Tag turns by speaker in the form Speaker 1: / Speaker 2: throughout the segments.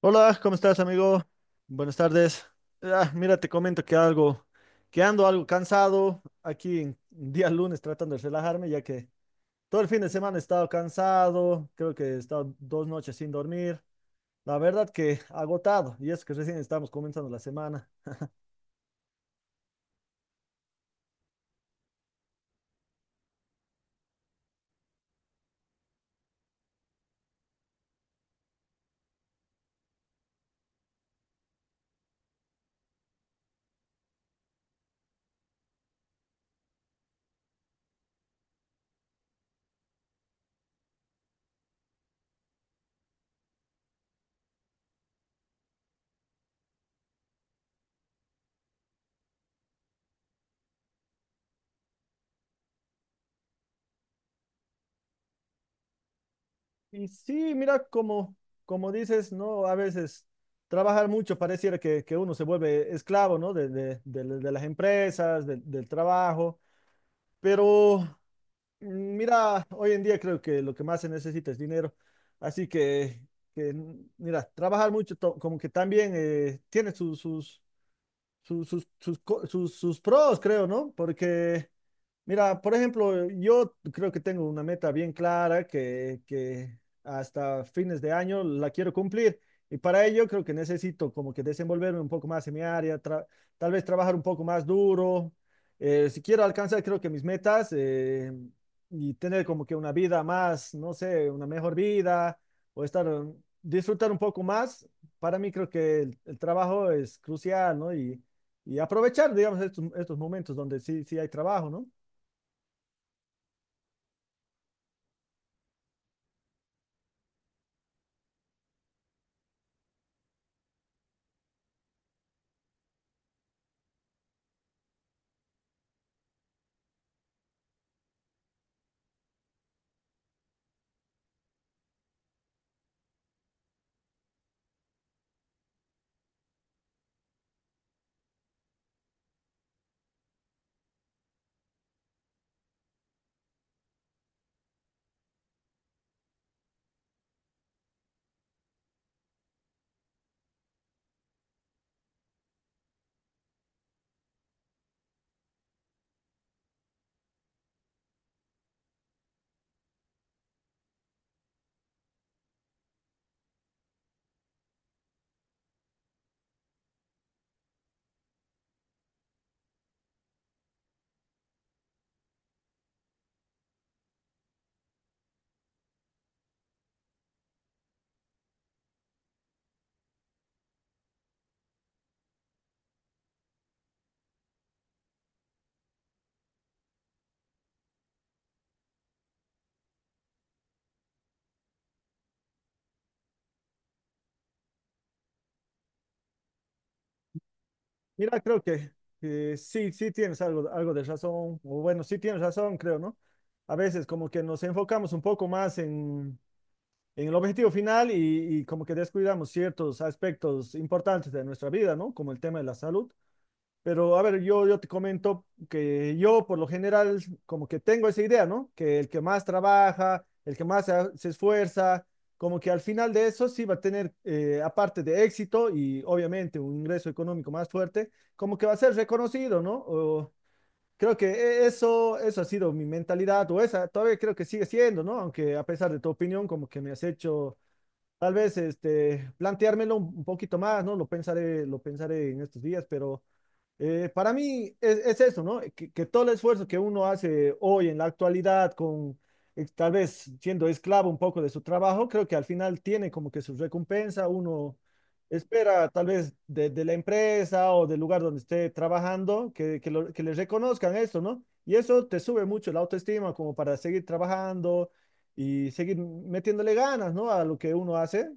Speaker 1: Hola, ¿cómo estás, amigo? Buenas tardes. Mira, te comento que ando algo cansado aquí en día lunes tratando de relajarme, ya que todo el fin de semana he estado cansado, creo que he estado dos noches sin dormir. La verdad que agotado, y es que recién estamos comenzando la semana. Y sí, mira, como dices, ¿no? A veces trabajar mucho pareciera que uno se vuelve esclavo, ¿no? De las empresas, del trabajo, pero... Mira, hoy en día creo que lo que más se necesita es dinero, así que, mira, trabajar mucho como que también tiene sus pros, creo, ¿no? Porque, mira, por ejemplo, yo creo que tengo una meta bien clara que hasta fines de año la quiero cumplir. Y para ello creo que necesito como que desenvolverme un poco más en mi área, tal vez trabajar un poco más duro. Si quiero alcanzar, creo que mis metas y tener como que una vida más, no sé, una mejor vida o estar, disfrutar un poco más, para mí creo que el trabajo es crucial, ¿no? Y aprovechar, digamos, estos momentos donde sí, sí hay trabajo, ¿no? Mira, creo que sí, sí tienes algo de razón, o bueno, sí tienes razón, creo, ¿no? A veces como que nos enfocamos un poco más en el objetivo final y como que descuidamos ciertos aspectos importantes de nuestra vida, ¿no? Como el tema de la salud. Pero a ver, yo te comento que yo por lo general como que tengo esa idea, ¿no? Que el que más trabaja, el que más se esfuerza, como que al final de eso sí va a tener, aparte de éxito y obviamente un ingreso económico más fuerte, como que va a ser reconocido, ¿no? O creo que eso, eso ha sido mi mentalidad o esa, todavía creo que sigue siendo, ¿no? Aunque a pesar de tu opinión, como que me has hecho tal vez este, planteármelo un poquito más, ¿no? Lo pensaré en estos días, pero para mí es eso, ¿no? Que todo el esfuerzo que uno hace hoy en la actualidad, con tal vez siendo esclavo un poco de su trabajo, creo que al final tiene como que su recompensa. Uno espera tal vez de la empresa o del lugar donde esté trabajando que le reconozcan esto, ¿no? Y eso te sube mucho la autoestima como para seguir trabajando y seguir metiéndole ganas, ¿no? A lo que uno hace.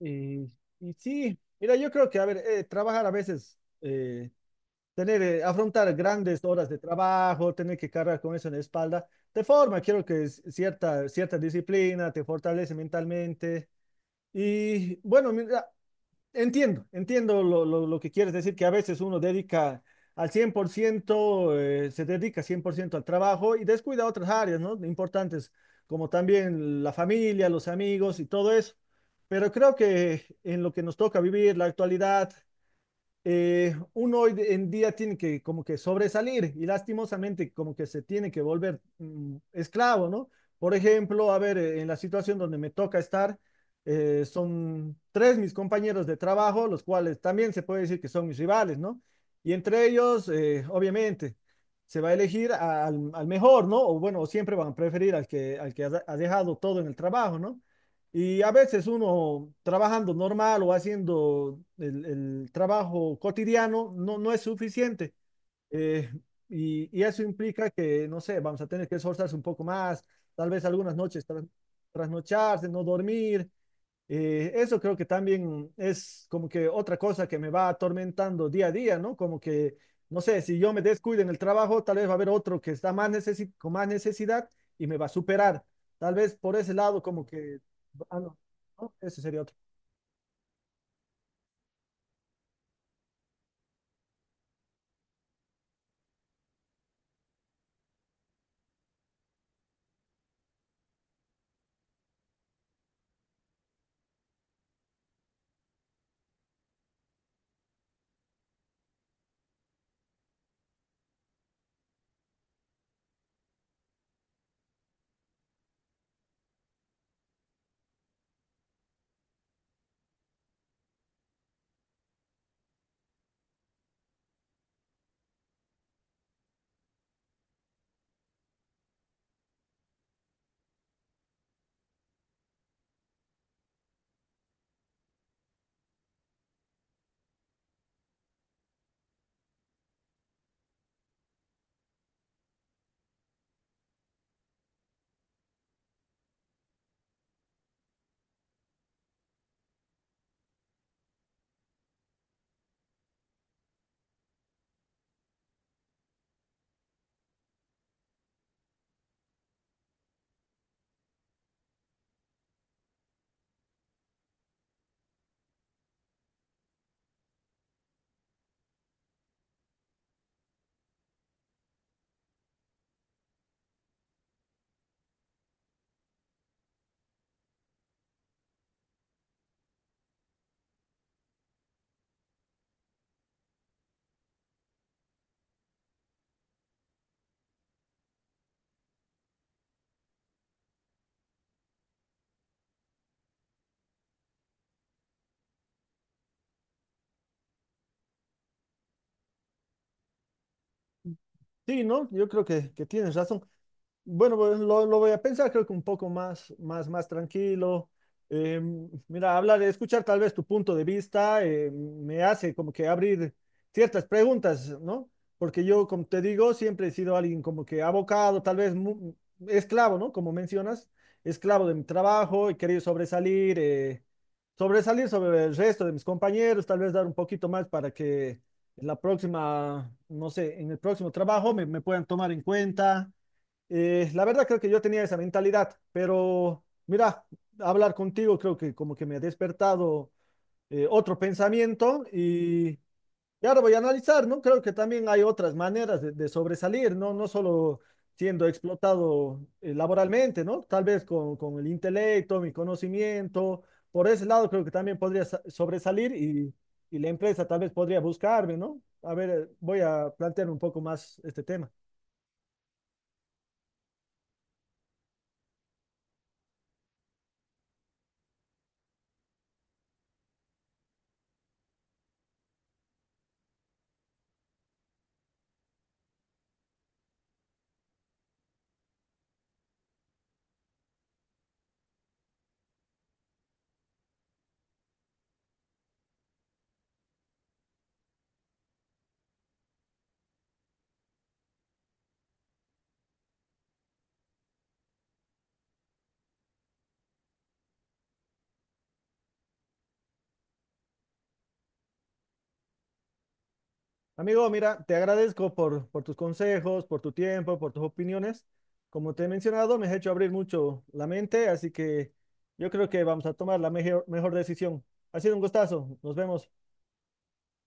Speaker 1: Y, y sí, mira, yo creo que, a ver, trabajar a veces, afrontar grandes horas de trabajo, tener que cargar con eso en la espalda, te forma, quiero que es cierta, cierta disciplina, te fortalece mentalmente. Y bueno, mira, entiendo lo que quieres decir, que a veces uno dedica al 100%, se dedica 100% al trabajo y descuida otras áreas, ¿no? Importantes, como también la familia, los amigos y todo eso. Pero creo que en lo que nos toca vivir, la actualidad, uno hoy en día tiene que como que sobresalir y lastimosamente como que se tiene que volver esclavo, ¿no? Por ejemplo, a ver, en la situación donde me toca estar, son tres mis compañeros de trabajo, los cuales también se puede decir que son mis rivales, ¿no? Y entre ellos, obviamente, se va a elegir al mejor, ¿no? O bueno, siempre van a preferir al que ha dejado todo en el trabajo, ¿no? Y a veces uno trabajando normal o haciendo el trabajo cotidiano no es suficiente. Eh, y, y eso implica que, no sé, vamos a tener que esforzarse un poco más, tal vez algunas noches trasnocharse, no dormir, eso creo que también es como que otra cosa que me va atormentando día a día, ¿no? Como que, no sé, si yo me descuido en el trabajo, tal vez va a haber otro que está más con más necesidad y me va a superar. Tal vez por ese lado como que, ah, no, no, ese sería otro. Sí, ¿no? Yo creo que tienes razón. Bueno, pues lo voy a pensar, creo que un poco más tranquilo. Eh, Mira, hablar, escuchar tal vez tu punto de vista me hace como que abrir ciertas preguntas, ¿no? Porque yo, como te digo, siempre he sido alguien como que abocado, tal vez esclavo, ¿no? Como mencionas, esclavo de mi trabajo, he querido sobresalir, sobresalir sobre el resto de mis compañeros, tal vez dar un poquito más para que en la próxima, no sé, en el próximo trabajo me puedan tomar en cuenta, la verdad creo que yo tenía esa mentalidad, pero mira, hablar contigo creo que como que me ha despertado otro pensamiento y ahora voy a analizar, ¿no? Creo que también hay otras maneras de sobresalir, ¿no? No solo siendo explotado laboralmente, ¿no? Tal vez con el intelecto, mi conocimiento, por ese lado creo que también podría sobresalir y la empresa tal vez podría buscarme, ¿no? A ver, voy a plantear un poco más este tema. Amigo, mira, te agradezco por tus consejos, por tu tiempo, por tus opiniones. Como te he mencionado, me has hecho abrir mucho la mente, así que yo creo que vamos a tomar la mejor decisión. Ha sido un gustazo. Nos vemos.